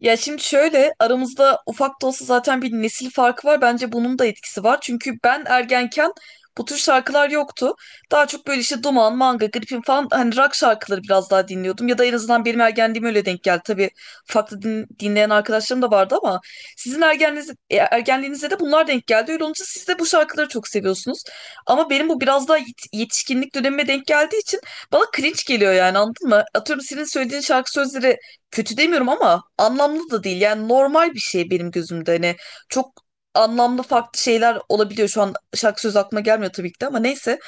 Ya şimdi şöyle aramızda ufak da olsa zaten bir nesil farkı var. Bence bunun da etkisi var. Çünkü ben ergenken bu tür şarkılar yoktu. Daha çok böyle işte Duman, Manga, Gripin falan hani rock şarkıları biraz daha dinliyordum. Ya da en azından benim ergenliğim öyle denk geldi. Tabii farklı dinleyen arkadaşlarım da vardı ama sizin ergenliğiniz, ergenliğinizde de bunlar denk geldi. Öyle olunca siz de bu şarkıları çok seviyorsunuz. Ama benim bu biraz daha yetişkinlik dönemime denk geldiği için bana cringe geliyor, yani anladın mı? Atıyorum senin söylediğin şarkı sözleri kötü demiyorum ama anlamlı da değil. Yani normal bir şey benim gözümde. Hani çok anlamlı farklı şeyler olabiliyor. Şu an şarkı sözü aklıma gelmiyor tabii ki de ama neyse.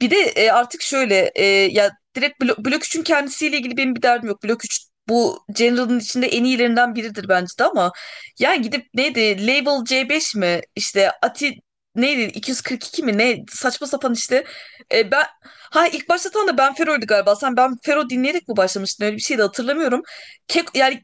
Bir de artık şöyle ya direkt Blok üçün kendisiyle ilgili benim bir derdim yok. Blok üç bu General'ın içinde en iyilerinden biridir bence de ama yani gidip neydi Label C5 mi, işte Ati neydi 242 mi, ne saçma sapan işte. Ben ha, ilk başlatan da Ben Fero'ydu galiba. Sen Ben Fero dinleyerek mi başlamıştın, öyle bir şey de hatırlamıyorum. Kek, yani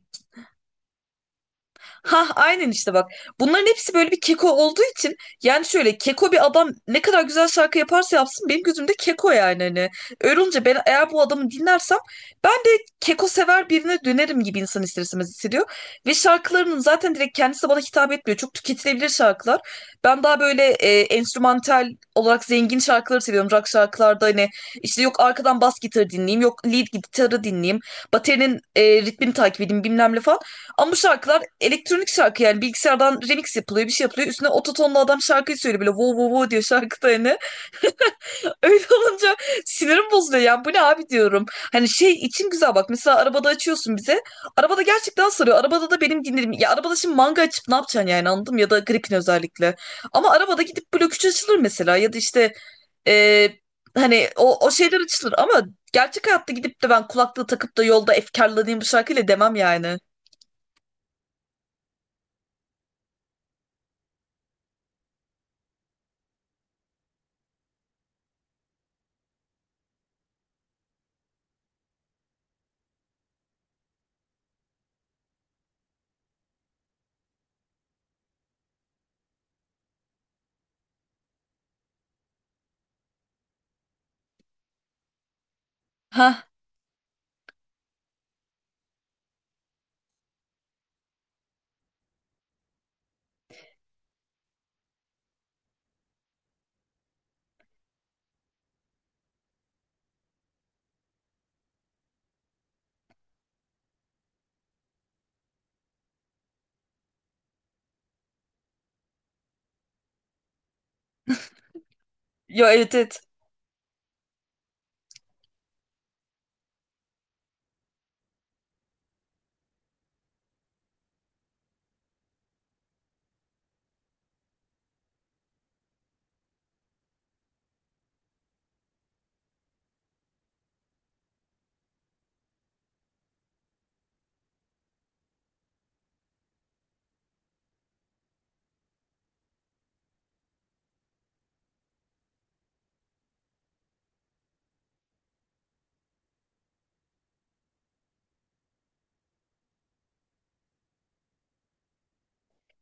ha, aynen işte bak. Bunların hepsi böyle bir keko olduğu için yani şöyle keko bir adam ne kadar güzel şarkı yaparsa yapsın benim gözümde keko yani hani. Öyle olunca ben eğer bu adamı dinlersem ben de keko sever birine dönerim gibi, insan ister istemez hissediyor. Ve şarkılarının zaten direkt kendisi de bana hitap etmiyor. Çok tüketilebilir şarkılar. Ben daha böyle enstrümantal olarak zengin şarkıları seviyorum. Rock şarkılarda hani işte yok arkadan bas gitarı dinleyeyim, yok lead gitarı dinleyeyim, baterinin ritmini takip edeyim bilmem ne falan. Ama bu şarkılar elektronik şarkı, yani bilgisayardan remix yapılıyor, bir şey yapılıyor. Üstüne ototonla adam şarkıyı söylüyor, böyle wow wow wow diyor şarkıda hani. Öyle olunca sinirim bozuluyor, yani bu ne abi diyorum. Hani şey için güzel bak, mesela arabada açıyorsun bize. Arabada gerçekten sarıyor. Arabada da benim dinlerim. Ya arabada şimdi Manga açıp ne yapacaksın yani, anladım, ya da Gripin özellikle. Ama arabada gidip Blok 3 açılır mesela, ya da işte e, hani o, o şeyler açılır ama gerçek hayatta gidip de ben kulaklığı takıp da yolda efkarlanayım bu şarkıyla demem yani. Ha, yo, evet, evet.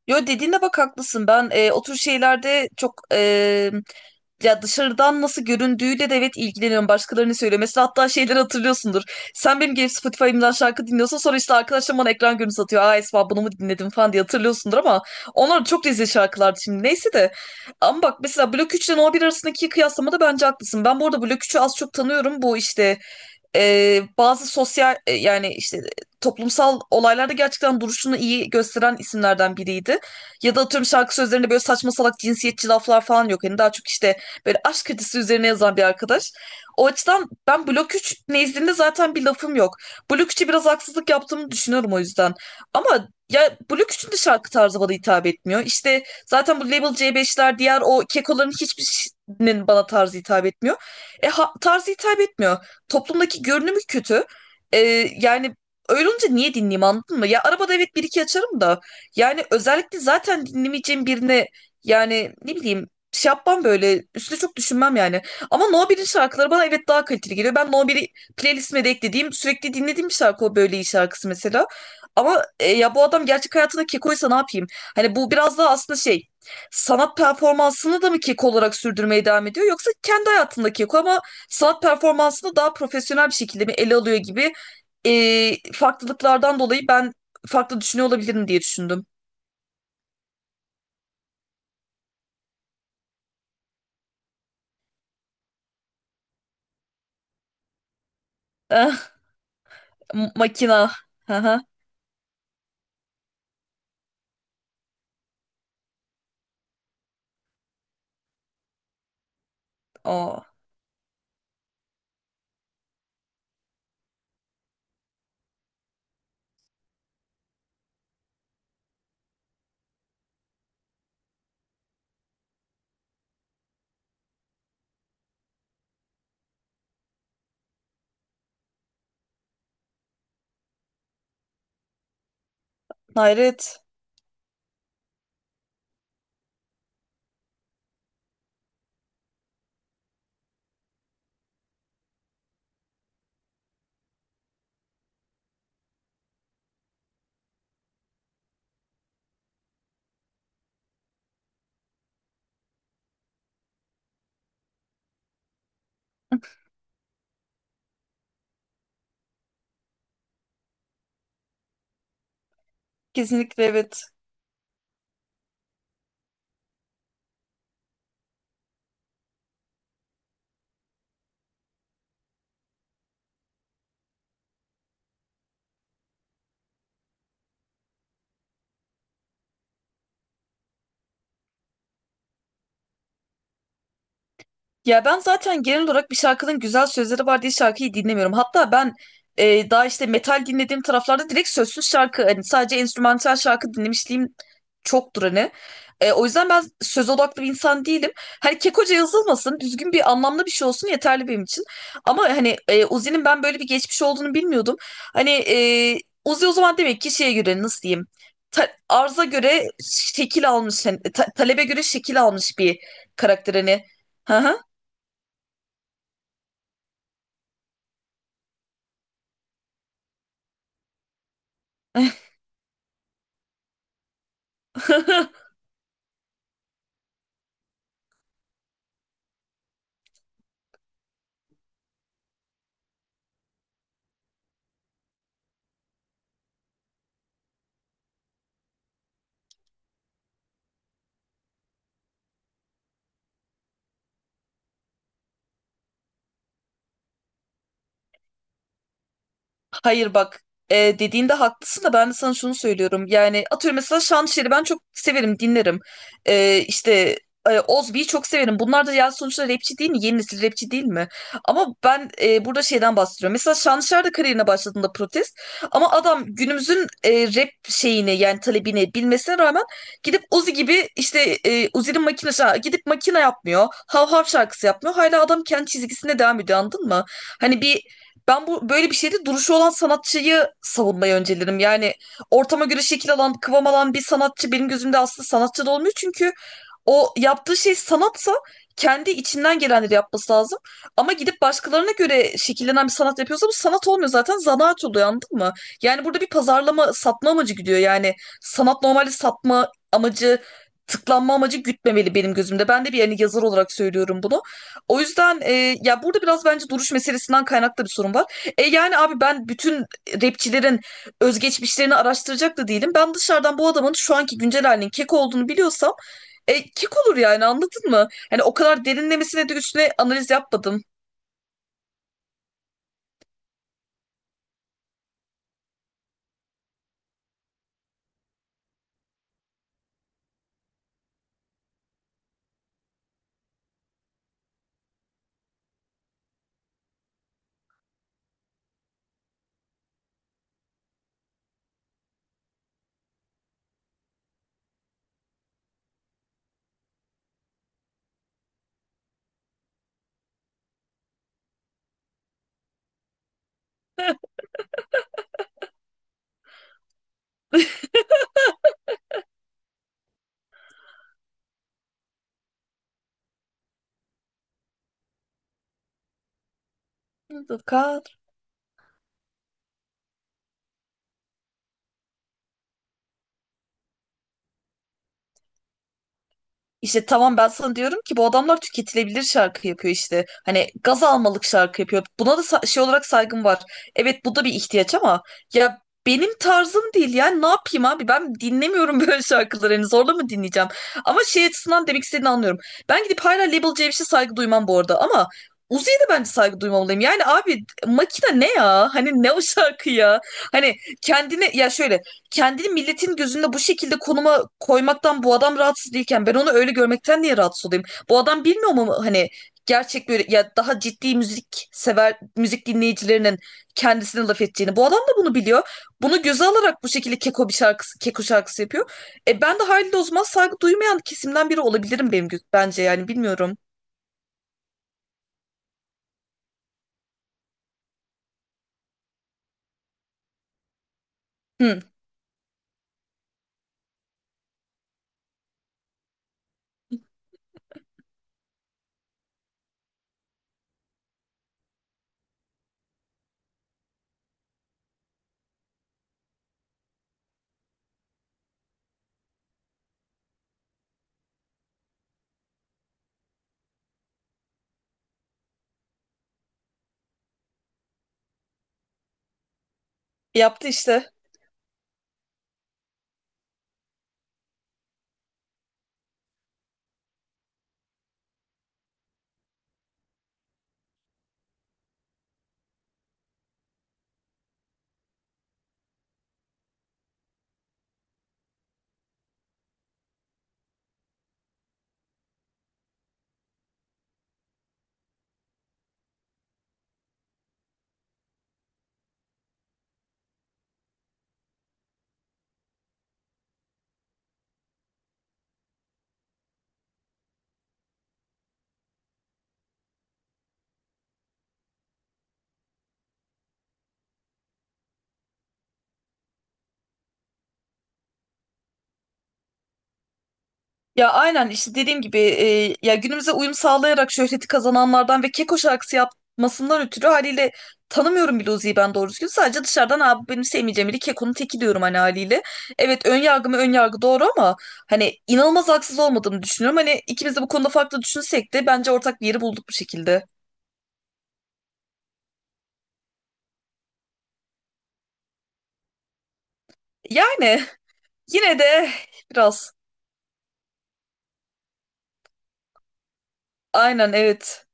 Yo, dediğine bak, haklısın. Ben o tür şeylerde çok ya dışarıdan nasıl göründüğüyle de evet ilgileniyorum. Başkalarının söylemesi, hatta şeyleri hatırlıyorsundur. Sen benim gelip Spotify'ımdan şarkı dinliyorsun, sonra işte arkadaşlarım bana ekran görüntüsü atıyor. Aa, Esma bunu mu dinledim falan diye hatırlıyorsundur ama onlar çok rezil şarkılardı şimdi. Neyse de ama bak, mesela Blok 3 ile No 1 arasındaki kıyaslamada bence haklısın. Ben bu arada Blok üçü az çok tanıyorum. Bu işte bazı sosyal, yani işte toplumsal olaylarda gerçekten duruşunu iyi gösteren isimlerden biriydi. Ya da atıyorum şarkı sözlerinde böyle saçma salak cinsiyetçi laflar falan yok. Yani daha çok işte böyle aşk kredisi üzerine yazan bir arkadaş. O açıdan ben Blok 3 nezdinde zaten bir lafım yok. Blok 3'e biraz haksızlık yaptığımı düşünüyorum o yüzden. Ama ya Blok 3'ün de şarkı tarzı bana hitap etmiyor. İşte zaten bu Label C5'ler, diğer o kekoların hiçbirinin bana tarzı hitap etmiyor. Tarzı hitap etmiyor. Toplumdaki görünümü kötü. Ee, Yani öyle olunca niye dinleyeyim, anladın mı? Ya arabada evet bir iki açarım da yani özellikle zaten dinlemeyeceğim birine yani ne bileyim şey yapmam, böyle üstüne çok düşünmem yani. Ama No 1'in şarkıları bana evet daha kaliteli geliyor. Ben No 1'i playlistime de eklediğim, sürekli dinlediğim bir şarkı o, böyle iyi şarkısı mesela. Ama ya bu adam gerçek hayatında kekoysa ne yapayım? Hani bu biraz daha aslında şey, sanat performansını da mı keko olarak sürdürmeye devam ediyor, yoksa kendi hayatında keko ama sanat performansını daha profesyonel bir şekilde mi ele alıyor gibi farklılıklardan dolayı ben farklı düşünüyor olabilirim diye düşündüm. Eh, makina. Hı hı. O. Hayret. Kesinlikle evet. Ya ben zaten genel olarak bir şarkının güzel sözleri var diye şarkıyı dinlemiyorum. Hatta ben daha işte metal dinlediğim taraflarda direkt sözsüz şarkı, hani sadece enstrümantal şarkı dinlemişliğim çoktur hani. O yüzden ben söz odaklı bir insan değilim. Hani kekoca yazılmasın, düzgün bir anlamlı bir şey olsun, yeterli benim için. Ama hani Uzi'nin ben böyle bir geçmiş olduğunu bilmiyordum. Hani Uzi o zaman demek ki şeye göre nasıl diyeyim? Arza göre şekil almış, hani, talebe göre şekil almış bir karakter hani. Hı hı. Hayır bak, dediğinde haklısın da ben de sana şunu söylüyorum. Yani atıyorum mesela Şanışer'i ben çok severim, dinlerim. İşte Ozbi'yi çok severim. Bunlar da ya sonuçta rapçi değil mi? Yeni nesil rapçi değil mi? Ama ben burada şeyden bahsediyorum. Mesela Şanışer de kariyerine başladığında protest. Ama adam günümüzün rap şeyini yani talebini bilmesine rağmen gidip Uzi gibi işte Uzi'nin makinesi ha, gidip makine yapmıyor. Hav hav şarkısı yapmıyor. Hala adam kendi çizgisinde devam ediyor, anladın mı? Hani bir, ben bu böyle bir şeyde duruşu olan sanatçıyı savunmayı öncelerim. Yani ortama göre şekil alan, kıvam alan bir sanatçı benim gözümde aslında sanatçı da olmuyor. Çünkü o yaptığı şey sanatsa kendi içinden gelenleri yapması lazım. Ama gidip başkalarına göre şekillenen bir sanat yapıyorsa bu sanat olmuyor, zaten zanaat oluyor, anladın mı? Yani burada bir pazarlama, satma amacı gidiyor. Yani sanat normalde satma amacı, tıklanma amacı gütmemeli benim gözümde. Ben de bir yani yazar olarak söylüyorum bunu. O yüzden ya burada biraz bence duruş meselesinden kaynaklı bir sorun var. E yani abi ben bütün rapçilerin özgeçmişlerini araştıracak da değilim. Ben dışarıdan bu adamın şu anki güncel halinin kek olduğunu biliyorsam kek olur yani, anladın mı? Hani o kadar derinlemesine de üstüne analiz yapmadım. İşte tamam, ben sana diyorum ki bu adamlar tüketilebilir şarkı yapıyor işte. Hani gaz almalık şarkı yapıyor. Buna da şey olarak saygım var. Evet bu da bir ihtiyaç ama ya benim tarzım değil yani ne yapayım abi, ben dinlemiyorum böyle şarkıları, hani zorla mı dinleyeceğim? Ama şey açısından demek istediğini anlıyorum. Ben gidip hala Label C'ye saygı duymam bu arada ama Uzi'ye de bence saygı duymamalıyım. Yani abi makine ne ya? Hani ne o şarkı ya? Hani kendine ya şöyle kendini milletin gözünde bu şekilde konuma koymaktan bu adam rahatsız değilken ben onu öyle görmekten niye rahatsız olayım? Bu adam bilmiyor mu hani gerçek böyle ya daha ciddi müzik sever müzik dinleyicilerinin kendisine laf ettiğini. Bu adam da bunu biliyor. Bunu göze alarak bu şekilde keko bir şarkısı, keko şarkısı yapıyor. E ben de haliyle o zaman saygı duymayan kesimden biri olabilirim benim bence yani, bilmiyorum. Hı, yaptı işte. Ya aynen işte dediğim gibi ya günümüze uyum sağlayarak şöhreti kazananlardan ve Keko şarkısı yapmasından ötürü haliyle tanımıyorum bile Uzi'yi ben doğru düzgün. Sadece dışarıdan abi benim sevmeyeceğim biri, Keko'nun teki diyorum hani haliyle. Evet, ön yargı mı ön yargı, doğru ama hani inanılmaz haksız olmadığını düşünüyorum. Hani ikimiz de bu konuda farklı düşünsek de bence ortak bir yeri bulduk bu şekilde. Yani yine de biraz, aynen, evet.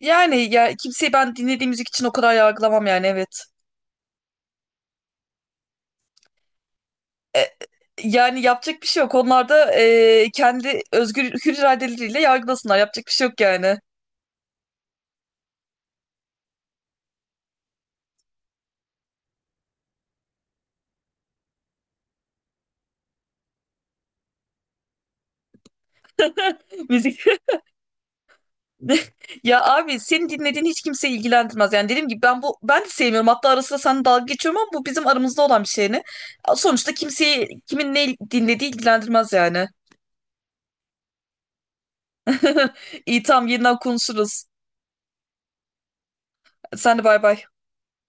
Yani ya kimseyi ben dinlediğim müzik için o kadar yargılamam yani, evet. E, Yani yapacak bir şey yok. Onlar da kendi özgür hür iradeleriyle yargılasınlar. Yapacak bir şey yok yani. Müzik. Ya abi senin dinlediğin hiç kimseyi ilgilendirmez. Yani dediğim gibi ben bu, ben de sevmiyorum. Hatta ara sıra seninle dalga geçiyorum ama bu bizim aramızda olan bir şey, ne? Sonuçta kimseyi kimin ne dinlediği ilgilendirmez yani. İyi tamam, yeniden konuşuruz. Sen de bay bay.